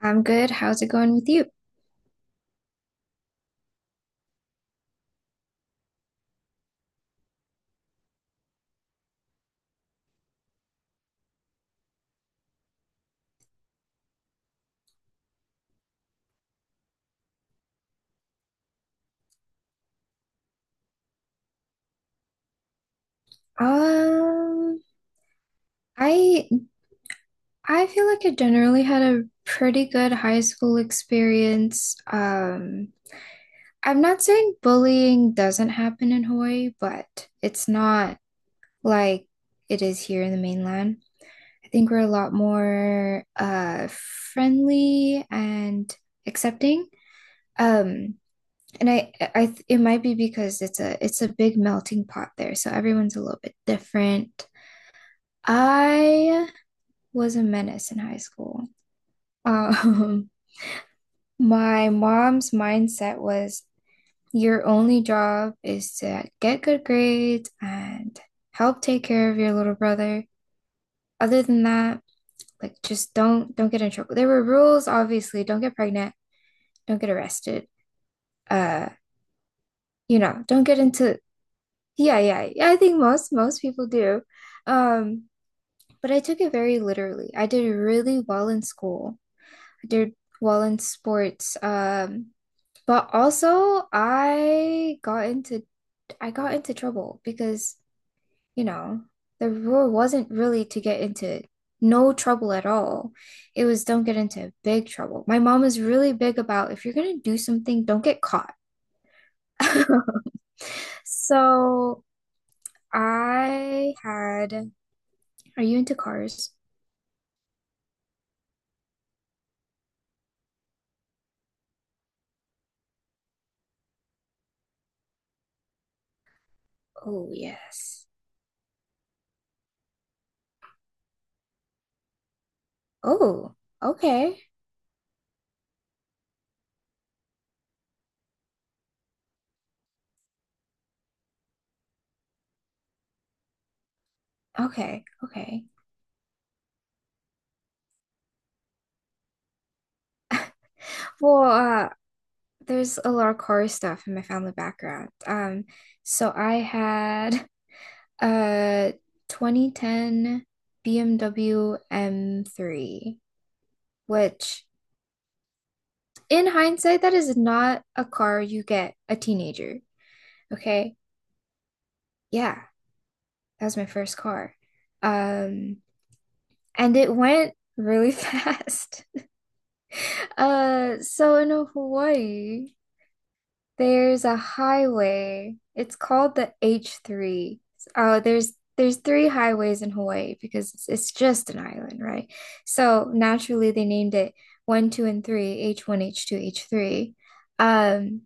I'm good. How's it going with you? Um, I I feel like I generally had a pretty good high school experience. I'm not saying bullying doesn't happen in Hawaii, but it's not like it is here in the mainland. I think we're a lot more friendly and accepting. Um, it might be because it's a big melting pot there, so everyone's a little bit different. I was a menace in high school. Um, my mom's mindset was your only job is to get good grades and help take care of your little brother. Other than that, like just don't get in trouble. There were rules, obviously. Don't get pregnant, don't get arrested. Uh, don't get into yeah, yeah. Yeah, I think most people do. Um, but I took it very literally. I did really well in school. I did well in sports. But also I got into trouble because you know, the rule wasn't really to get into no trouble at all. It was don't get into big trouble. My mom is really big about if you're gonna do something, don't get caught. So I had, are you into cars? Oh, yes. Oh, okay. Okay. Okay. Well, there's a lot of car stuff in my family background. So I had Uh, 2010 BMW M3, which in hindsight, that is not a car you get a teenager. Okay. Yeah, that was my first car. Um, and it went really fast. So in Hawaii, there's a highway. It's called the H3. Oh, there's three highways in Hawaii because it's just an island, right? So naturally they named it one, two, and three, H1, H2, H3. Um,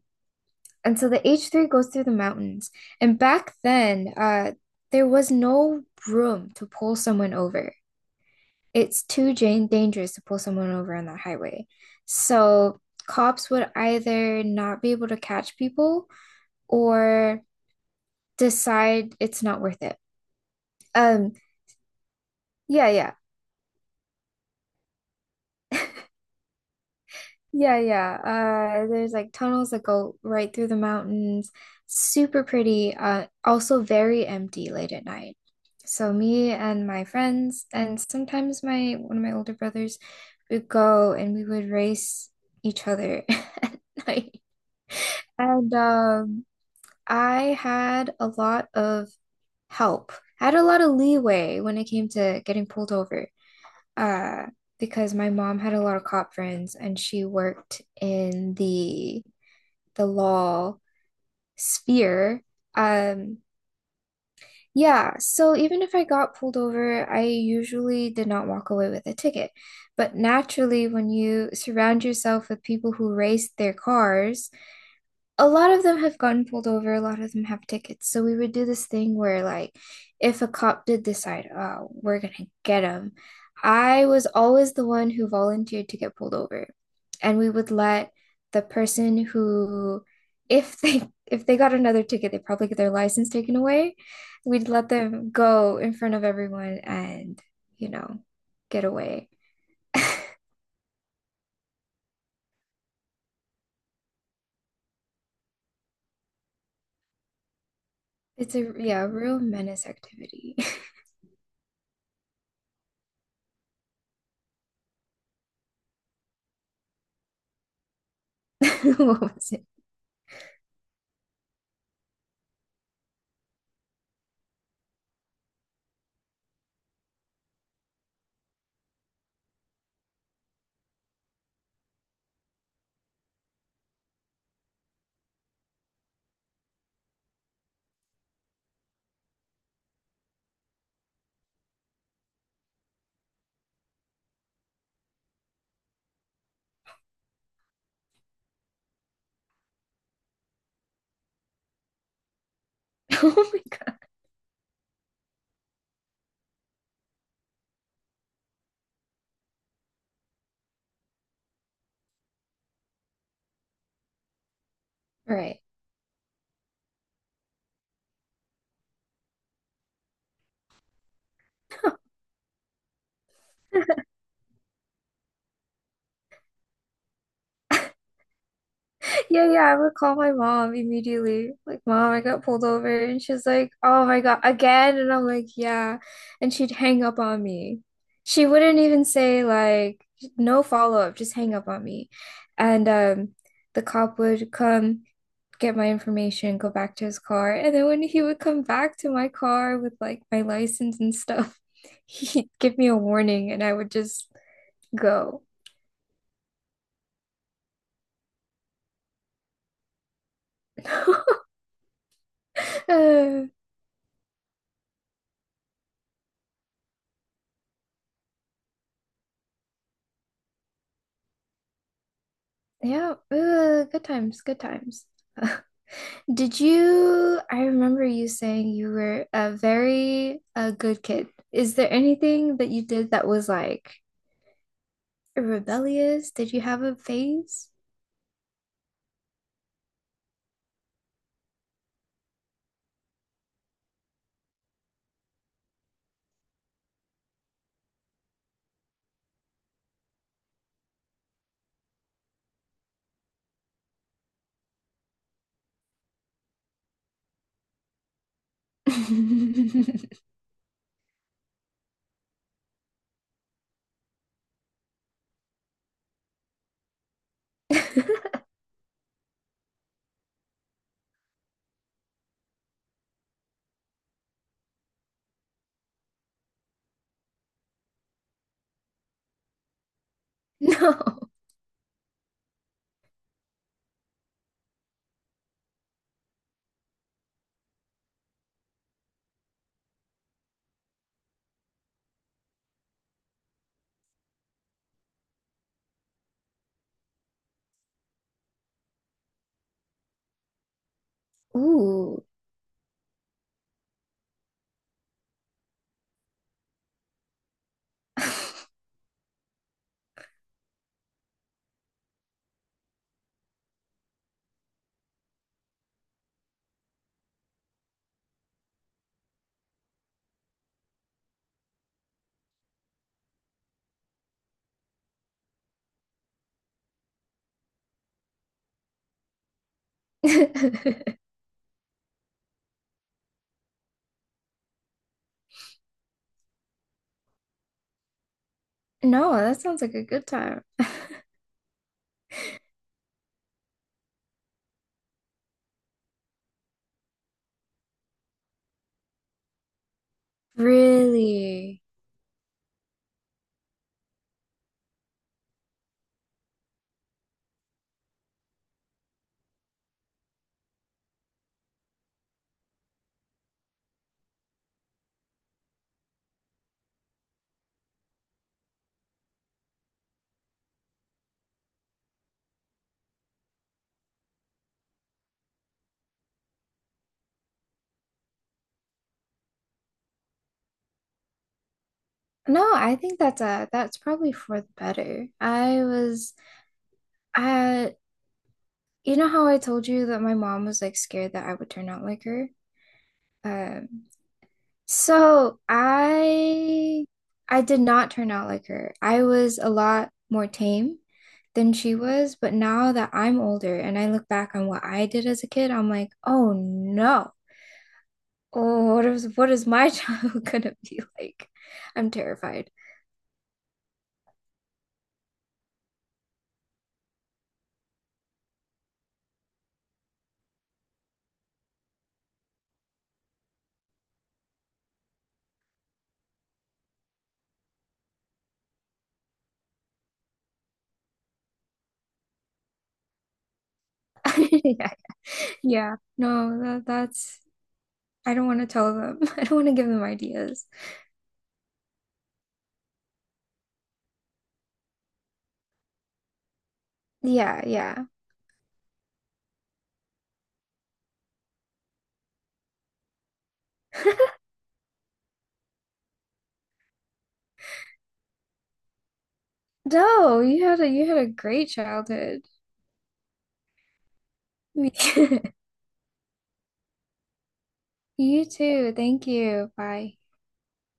and so the H3 goes through the mountains. And back then, there was no room to pull someone over. It's too dangerous to pull someone over on that highway. So cops would either not be able to catch people or decide it's not worth it. Um, yeah, yeah. Yeah, yeah. There's like tunnels that go right through the mountains. Super pretty. Also very empty late at night. So me and my friends and sometimes my one of my older brothers would go and we would race each other at night. And I had a lot of help. I had a lot of leeway when it came to getting pulled over. uh, because my mom had a lot of cop friends and she worked in the law sphere. Um, yeah, so even if I got pulled over, I usually did not walk away with a ticket. But naturally, when you surround yourself with people who race their cars, a lot of them have gotten pulled over, a lot of them have tickets. So we would do this thing where, like, if a cop did decide, oh, we're gonna get him, I was always the one who volunteered to get pulled over. And we would let the person who, if they got another ticket, they probably get their license taken away. We'd let them go in front of everyone and, you know, get away. It's a yeah, a real menace activity. What was it? Oh my God. All right. Yeah, yeah, I would call my mom immediately. Like, mom, I got pulled over. And she's like, oh my God, again? And I'm like, yeah. And she'd hang up on me. She wouldn't even say, like, no follow-up, just hang up on me. And The cop would come get my information, go back to his car. And then when he would come back to my car with like my license and stuff, he'd give me a warning and I would just go. Uh, yeah, ooh, good times, good times. Did you, I remember you saying you were a very a good kid. Is there anything that you did that was like rebellious? Did you have a phase? No. Ooh. No, that sounds like a good time. Really? No, I think that's probably for the better. I was uh you know how I told you that my mom was like scared that I would turn out like her? Um, so I I did not turn out like her. I was a lot more tame than she was, but now that I'm older and I look back on what I did as a kid, I'm like, oh no. Oh, what is my childhood gonna be like? I'm terrified. Yeah. Yeah. No, that's I don't want to tell them. I don't want to give them ideas. Yeah, yeah. No, you had a great childhood. You too. Thank you. Bye.